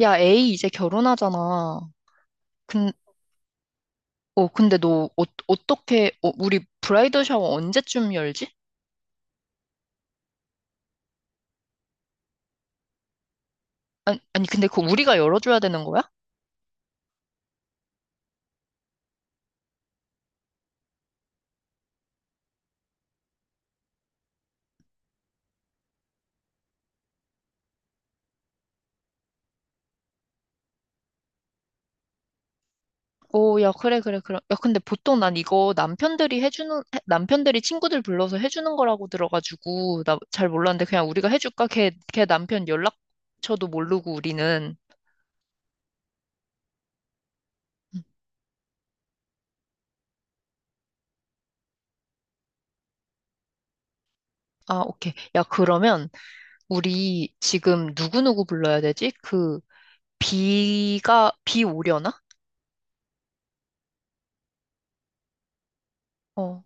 야, 에이 이제 결혼하잖아. 근, 근데 너 어떻게 우리 브라이더 샤워 언제쯤 열지? 아니, 아니 근데 그거 우리가 열어줘야 되는 거야? 오, 야, 그래, 그래, 그래. 야, 근데 보통 난 이거 남편들이 남편들이 친구들 불러서 해주는 거라고 들어가지고, 나 잘 몰랐는데 그냥 우리가 해줄까? 걔, 걔 남편 연락처도 모르고 우리는. 음, 아, 오케이. 야, 그러면 우리 지금 누구누구 불러야 되지? 비 오려나? 어.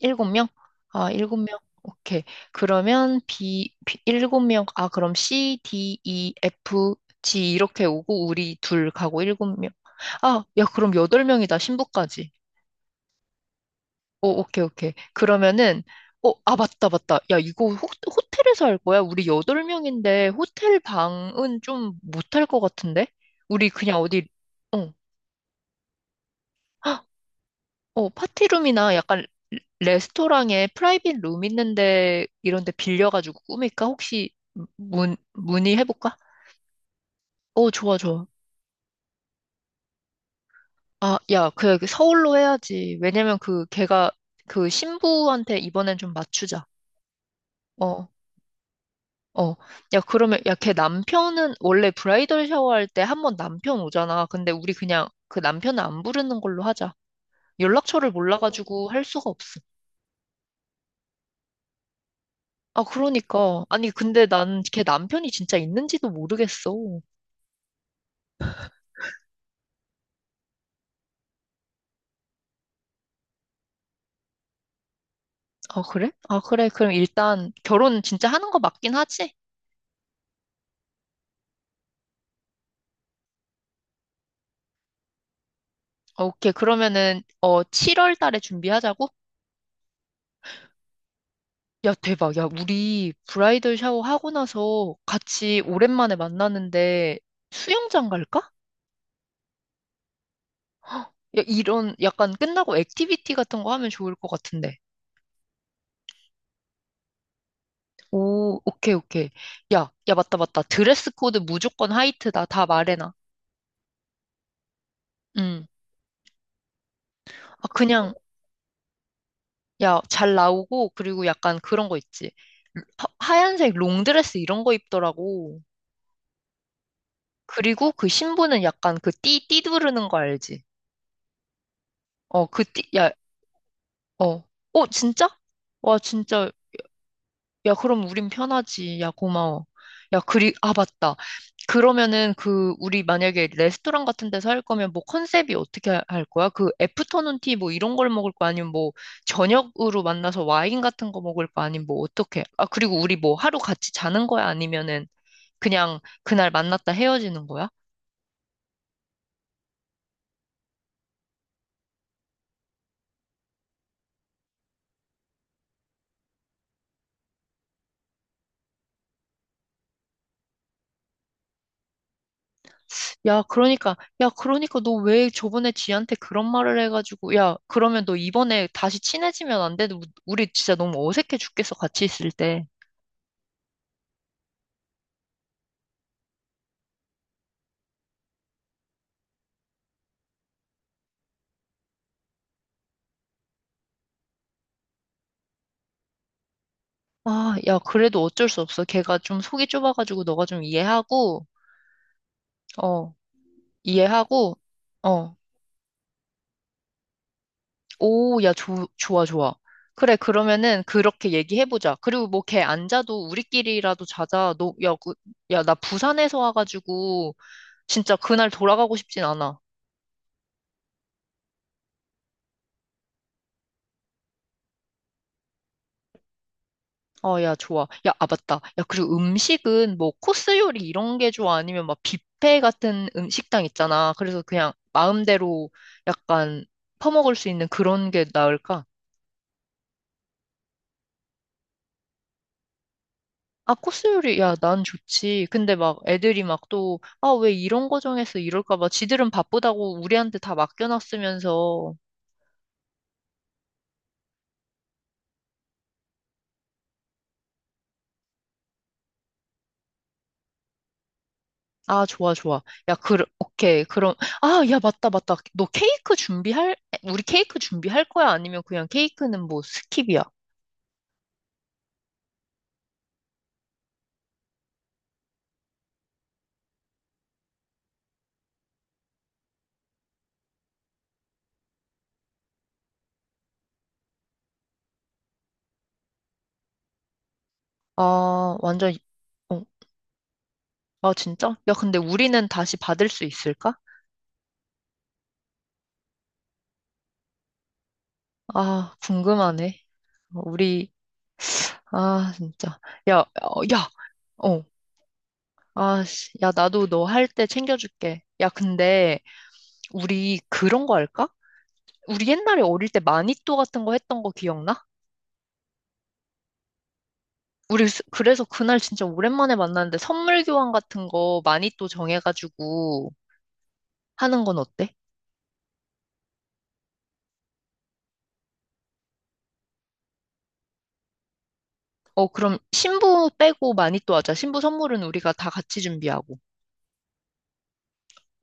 일곱 명? 아, 일곱 명. 오케이. 그러면 B 일곱 명. 아, 그럼 C, D, E, F, G 이렇게 오고 우리 둘 가고 일곱 명. 아, 야, 그럼 여덟 명이다. 신부까지. 오, 오케이, 오케이. 그러면은. 맞다, 맞다. 야, 이거 호텔에서 할 거야? 우리 여덟 명인데 호텔 방은 좀 못 할 것 같은데? 우리 그냥 어디 어. 파티룸이나 약간 레스토랑에 프라이빗 룸 있는데 이런 데 빌려가지고 꾸밀까? 혹시 문의해볼까? 좋아, 좋아. 아, 야, 그 서울로 해야지. 왜냐면 그 걔가 그 신부한테 이번엔 좀 맞추자. 어, 어. 야, 그러면 야, 걔 남편은 원래 브라이덜 샤워할 때 한 번 남편 오잖아. 근데 우리 그냥 그 남편은 안 부르는 걸로 하자. 연락처를 몰라가지고 할 수가 없어. 아, 그러니까. 아니, 근데 난 걔 남편이 진짜 있는지도 모르겠어. 아, 그래? 아, 그래. 그럼 일단 결혼 진짜 하는 거 맞긴 하지? 아, 오케이. 그러면은, 7월 달에 준비하자고? 야, 대박. 야, 우리 브라이덜 샤워 하고 나서 같이 오랜만에 만나는데 수영장 갈까? 야, 이런 약간 끝나고 액티비티 같은 거 하면 좋을 것 같은데. 오, 오케이, 오케이. 야, 야, 맞다, 맞다. 드레스 코드 무조건 화이트다. 다 말해놔. 응. 아, 그냥, 야, 잘 나오고, 그리고 약간 그런 거 있지. 하얀색 롱드레스 이런 거 입더라고. 그리고 그 신부는 약간 그 띠 두르는 거 알지? 어, 그 띠, 야, 어. 어, 진짜? 와, 진짜. 야, 그럼 우린 편하지. 야, 고마워. 야, 아, 맞다. 그러면은 그, 우리 만약에 레스토랑 같은 데서 할 거면 뭐 컨셉이 어떻게 할 거야? 그 애프터눈 티 뭐 이런 걸 먹을 거 아니면 뭐 저녁으로 만나서 와인 같은 거 먹을 거 아니면 뭐 어떻게? 아, 그리고 우리 뭐 하루 같이 자는 거야? 아니면은 그냥 그날 만났다 헤어지는 거야? 야, 그러니까, 야, 그러니까 너 왜 저번에 지한테 그런 말을 해가지고, 야, 그러면 너 이번에 다시 친해지면 안 돼? 우리 진짜 너무 어색해 죽겠어, 같이 있을 때. 아, 야, 그래도 어쩔 수 없어. 걔가 좀 속이 좁아가지고 너가 좀 이해하고, 어, 이해하고, 어, 오, 야, 좋아, 좋아. 그래, 그러면은 그렇게 얘기해보자. 그리고 뭐 걔 안 자도 우리끼리라도 자자. 너, 야, 그, 야, 나 부산에서 와가지고 진짜 그날 돌아가고 싶진 않아. 어, 야, 좋아. 야, 아, 맞다. 야, 그리고 음식은 뭐 코스 요리 이런 게 좋아? 아니면 막 뷔페 같은 음식당 있잖아. 그래서 그냥 마음대로 약간 퍼먹을 수 있는 그런 게 나을까? 아, 코스 요리, 야, 난 좋지. 근데 막 애들이 막 또, 아, 왜 이런 거 정해서 이럴까 봐. 지들은 바쁘다고 우리한테 다 맡겨놨으면서. 아, 좋아, 좋아. 야, 그, 오케이. 그럼, 아, 야, 맞다, 맞다. 너 케이크 준비할, 우리 케이크 준비할 거야? 아니면 그냥 케이크는 뭐 스킵이야? 아, 완전. 어, 아, 진짜? 야, 근데 우리는 다시 받을 수 있을까? 아, 궁금하네. 어, 우리, 아, 진짜. 야, 어, 야, 어. 아, 씨, 야, 나도 너 할 때 챙겨줄게. 야, 근데 우리 그런 거 할까? 우리 옛날에 어릴 때 마니또 같은 거 했던 거 기억나? 그래서 그날 진짜 오랜만에 만났는데 선물 교환 같은 거 마니또 정해가지고 하는 건 어때? 어, 그럼 신부 빼고 마니또 하자. 신부 선물은 우리가 다 같이 준비하고.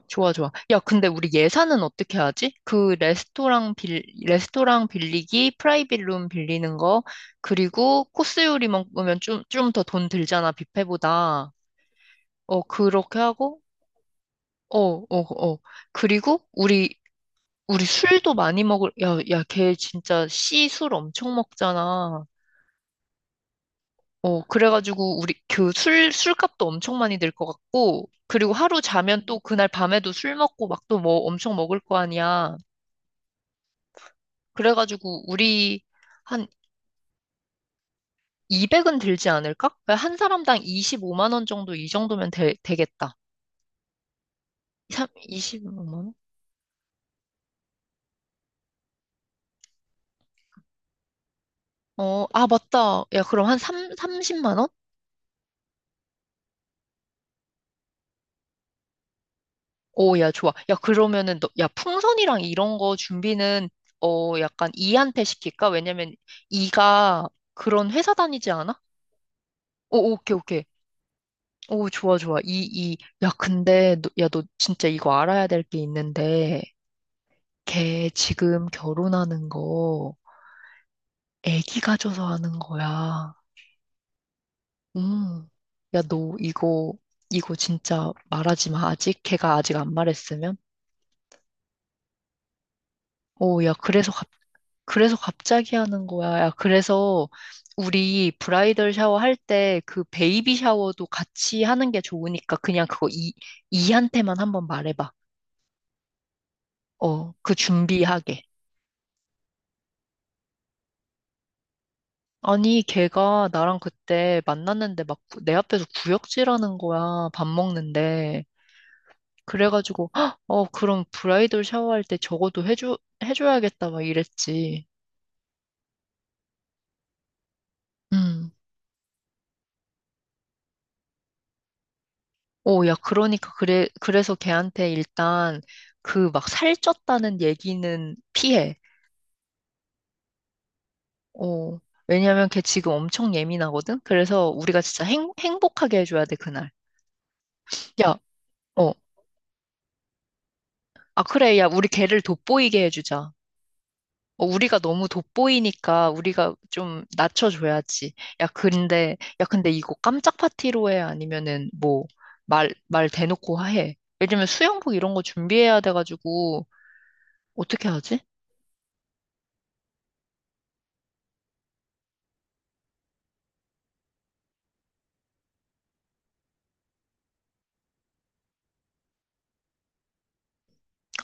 좋아, 좋아. 야, 근데 우리 예산은 어떻게 하지? 그 레스토랑 빌리기, 프라이빗 룸 빌리는 거, 그리고 코스 요리 먹으면 좀 더 돈 들잖아, 뷔페보다. 어, 그렇게 하고, 어, 어, 어. 그리고 우리 술도 많이 먹을, 야, 야, 걔 진짜 씨 술 엄청 먹잖아. 어, 그래가지고 우리 그 술값도 엄청 많이 들 것 같고, 그리고 하루 자면 또 그날 밤에도 술 먹고 막 또 뭐 엄청 먹을 거 아니야. 그래가지고 우리 한 200은 들지 않을까? 한 사람당 25만 원 정도 이 정도면 되겠다. 이 25만 원? 어, 아 맞다. 야 그럼 한 3, 삼0만 원? 오, 야 좋아. 야 그러면은 너, 야 풍선이랑 이런 거 준비는 약간 이한테 시킬까? 왜냐면 이가 그런 회사 다니지 않아? 오, 오케이, 오케이. 오, 좋아, 좋아. 이, 야, 근데, 너, 야, 너 진짜 이거 알아야 될 게 있는데, 걔 지금 결혼하는 거, 애기가 줘서 하는 거야. 음. 야, 너 이거 진짜 말하지 마. 아직 걔가 아직 안 말했으면? 오, 야, 그래서 갑자기 하는 거야. 야, 그래서 우리 브라이덜 샤워 할 때 그 베이비 샤워도 같이 하는 게 좋으니까 그냥 그거 이한테만 한번 말해봐. 어, 그 준비하게. 아니, 걔가 나랑 그때 만났는데 막 내 앞에서 구역질하는 거야. 밥 먹는데. 그래가지고 "헉, 어 그럼 브라이덜 샤워할 때 저거도 해줘야겠다 막 이랬지. 음. 오, 야 그러니까 그래서 걔한테 일단 그 막 살쪘다는 얘기는 피해. 어. 왜냐면 걔 지금 엄청 예민하거든. 그래서 우리가 진짜 행복하게 해줘야 돼 그날. 야, 어. 아 그래 야 우리 걔를 돋보이게 해주자. 어, 우리가 너무 돋보이니까 우리가 좀 낮춰줘야지. 야, 근데 이거 깜짝 파티로 해? 아니면은 뭐, 말 대놓고 해? 예를 들면 수영복 이런 거 준비해야 돼가지고, 어떻게 하지?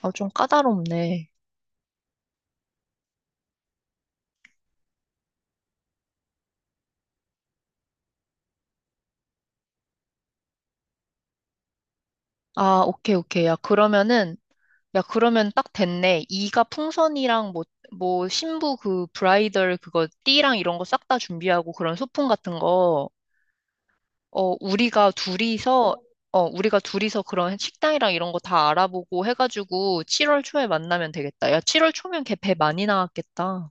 아, 좀 까다롭네. 아, 오케이, 오케이. 야, 그러면 딱 됐네. 이가 풍선이랑 뭐, 신부 그 브라이덜 그거 띠랑 이런 거 싹 다 준비하고 그런 소품 같은 거. 어, 우리가 둘이서, 우리가 둘이서 그런 식당이랑 이런 거 다 알아보고 해가지고 7월 초에 만나면 되겠다. 야, 7월 초면 걔 배 많이 나왔겠다.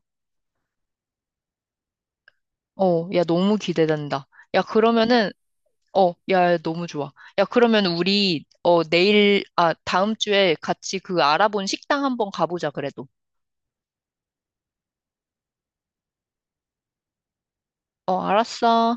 어, 야, 너무 기대된다. 야, 그러면은, 어, 야, 너무 좋아. 야, 그러면 우리, 어, 내일, 아, 다음 주에 같이 그 알아본 식당 한번 가보자, 그래도. 어, 알았어.